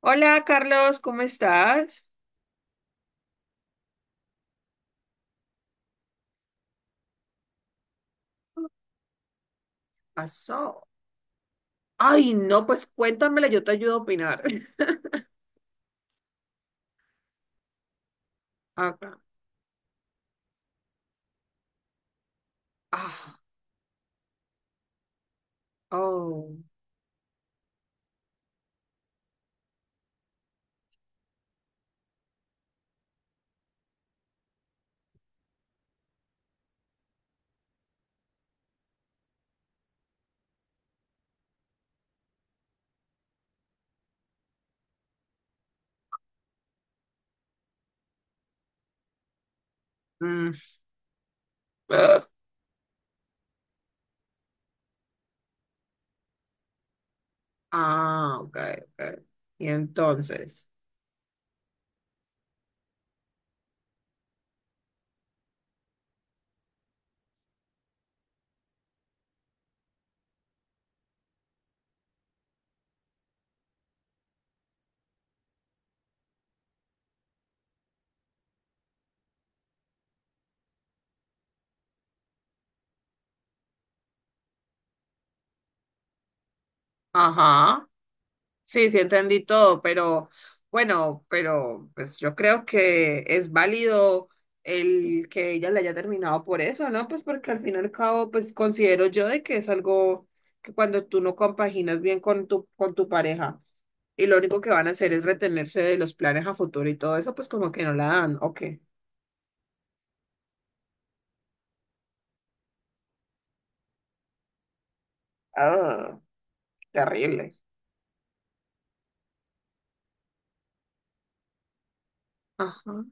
Hola Carlos, ¿cómo estás? Pasó. Ay, no, pues cuéntamela, yo te ayudo a opinar. Acá. Ah, oh. Mm, ah, ah, ok, ok. Y entonces, ajá. Sí, sí entendí todo, pero bueno, pero pues yo creo que es válido el que ella le haya terminado por eso, ¿no? Pues porque al fin y al cabo, pues considero yo de que es algo que cuando tú no compaginas bien con tu pareja y lo único que van a hacer es retenerse de los planes a futuro y todo eso, pues como que no la dan. Ok. Ah, terrible. Ajá.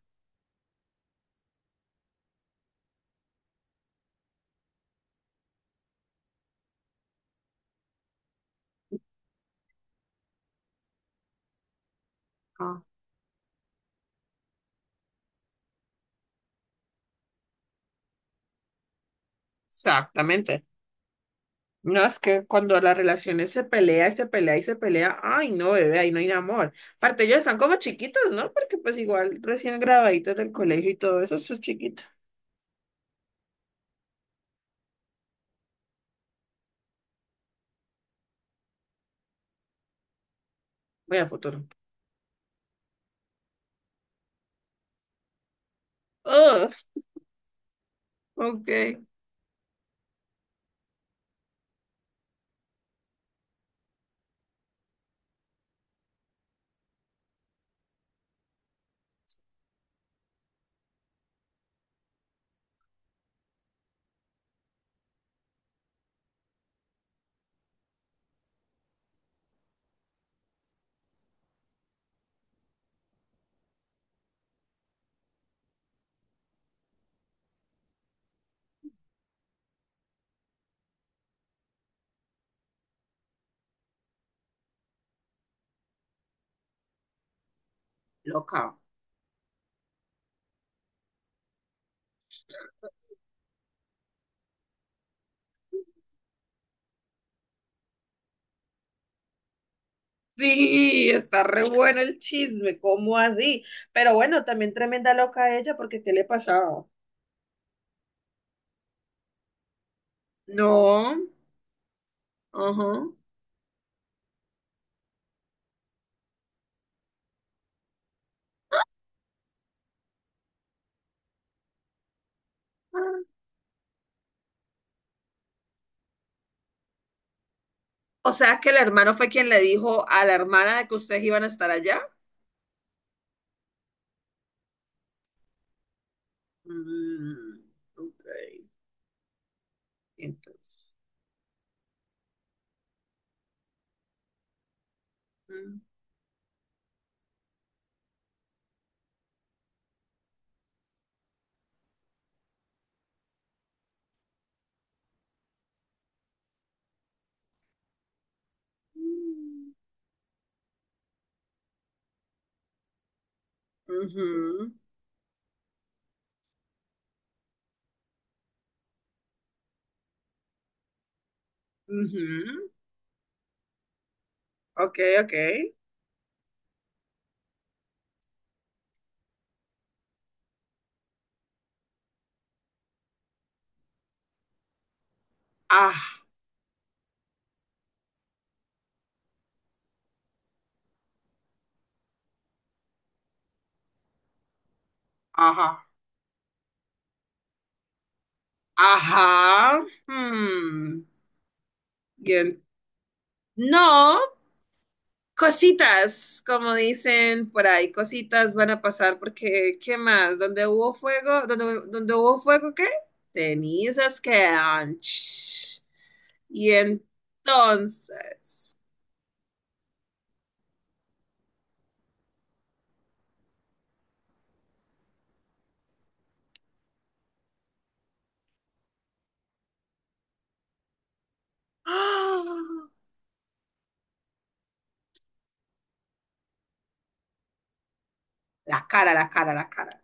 Ah, exactamente. No, es que cuando las relaciones se pelea y se pelea y se pelea, ay, no, bebé, ahí no hay amor. Aparte, ellos están como chiquitos, ¿no? Porque pues igual recién graduaditos del colegio y todo eso, eso es chiquito. Voy a futuro. Ugh, ok. Loca. Sí, está re bueno el chisme, ¿cómo así? Pero bueno, también tremenda loca ella, porque ¿qué le pasaba? No, ajá. O sea que el hermano fue quien le dijo a la hermana de que ustedes iban a estar allá. Mm, ok, entonces. Mm, mm, ujú, ujú, ok, ok. Ah, ajá, ajá. Hmm. Bien. No. Cositas, como dicen por ahí, cositas van a pasar porque, ¿qué más? Donde hubo fuego, donde hubo fuego, ¿qué? Cenizas quedan. Shh. Y entonces, ¡ah! La cara.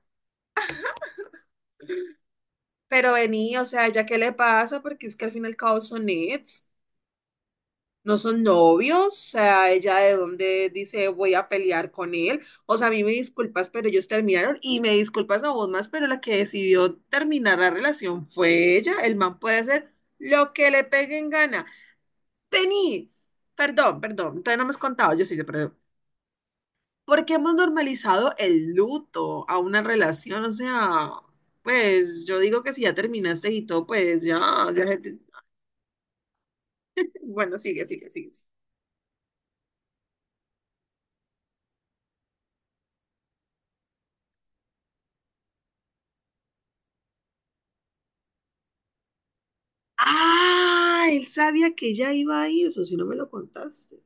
Pero vení, o sea, ¿ya qué le pasa? Porque es que al fin y al cabo son nits. No son novios, o sea, ella de dónde dice voy a pelear con él. O sea, a mí me disculpas, pero ellos terminaron y me disculpas a vos más, pero la que decidió terminar la relación fue ella. El man puede hacer lo que le pegue en gana. Vení, perdón, todavía no me has contado, yo sí te perdón. ¿Por qué hemos normalizado el luto a una relación? O sea, pues yo digo que si ya terminaste y todo, pues ya, ya. Bueno, sigue. Ah, él sabía que ya iba ahí, eso si no me lo contaste.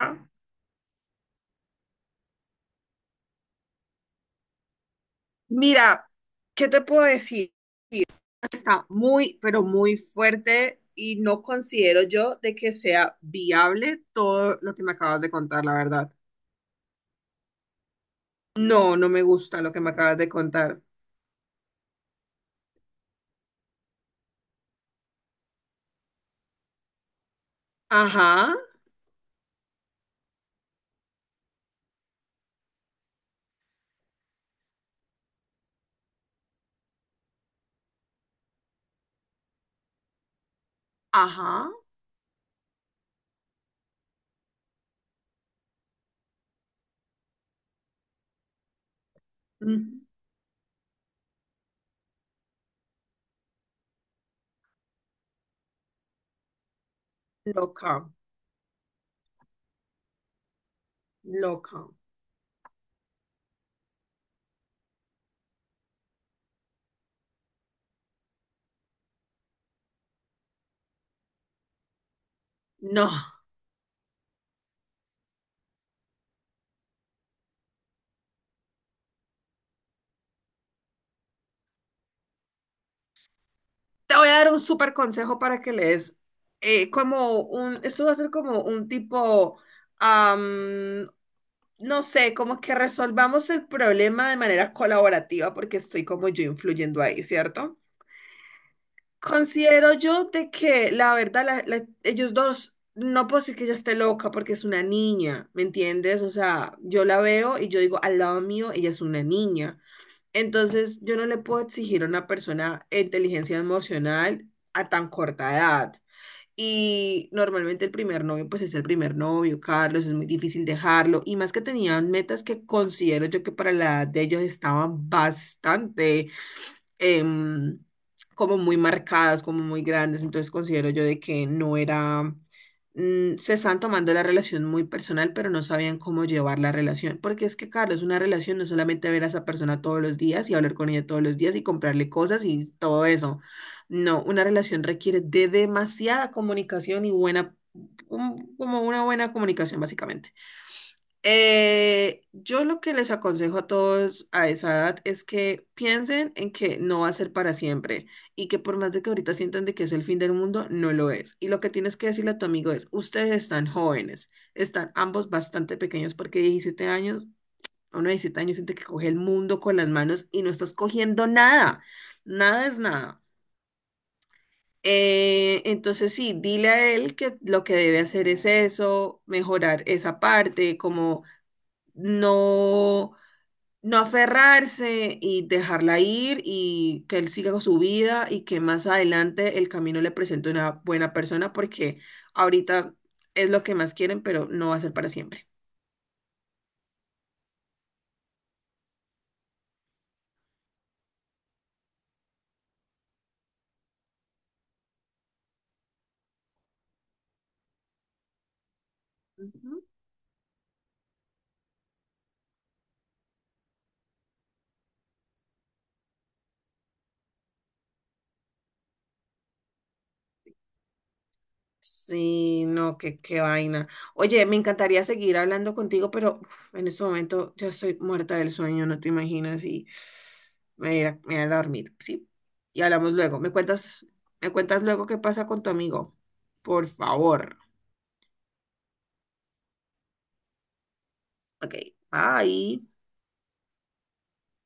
Ah, mira, ¿qué te puedo decir? Está muy, pero muy fuerte y no considero yo de que sea viable todo lo que me acabas de contar, la verdad. No, no me gusta lo que me acabas de contar. Ajá, ajá. Mm, loca, loca. No. Te voy a dar un súper consejo para que lees. Como un, esto va a ser como un tipo, am, no sé, como que resolvamos el problema de manera colaborativa porque estoy como yo influyendo ahí, ¿cierto? Considero yo de que la verdad, la- la- ellos dos, no puedo decir que ella esté loca porque es una niña, ¿me entiendes? O sea, yo la veo y yo digo, al lado mío, ella es una niña. Entonces, yo no le puedo exigir a una persona inteligencia emocional a tan corta edad. Y normalmente el primer novio, pues es el primer novio, Carlos, es muy difícil dejarlo. Y más que tenían metas que considero yo que para la edad de ellos estaban bastante em, como muy marcadas, como muy grandes, entonces considero yo de que no era, se están tomando la relación muy personal, pero no sabían cómo llevar la relación, porque es que, Carlos, una relación no es solamente ver a esa persona todos los días y hablar con ella todos los días y comprarle cosas y todo eso. No, una relación requiere de demasiada comunicación y buena, un- como una buena comunicación, básicamente. Yo lo que les aconsejo a todos a esa edad es que piensen en que no va a ser para siempre y que por más de que ahorita sientan de que es el fin del mundo, no lo es. Y lo que tienes que decirle a tu amigo es, ustedes están jóvenes, están ambos bastante pequeños porque 17 años, a uno de 17 años siente que coge el mundo con las manos y no estás cogiendo nada, nada es nada. Entonces sí, dile a él que lo que debe hacer es eso, mejorar esa parte, como no no aferrarse y dejarla ir y que él siga con su vida y que más adelante el camino le presente una buena persona porque ahorita es lo que más quieren, pero no va a ser para siempre. Ujú. Sí, no, qué, qué vaina. Oye, me encantaría seguir hablando contigo, pero uf, en este momento yo estoy muerta del sueño, no te imaginas, y me voy a dormir, ¿sí? Y hablamos luego. ¿ Me cuentas luego qué pasa con tu amigo? Por favor. Ok, bye.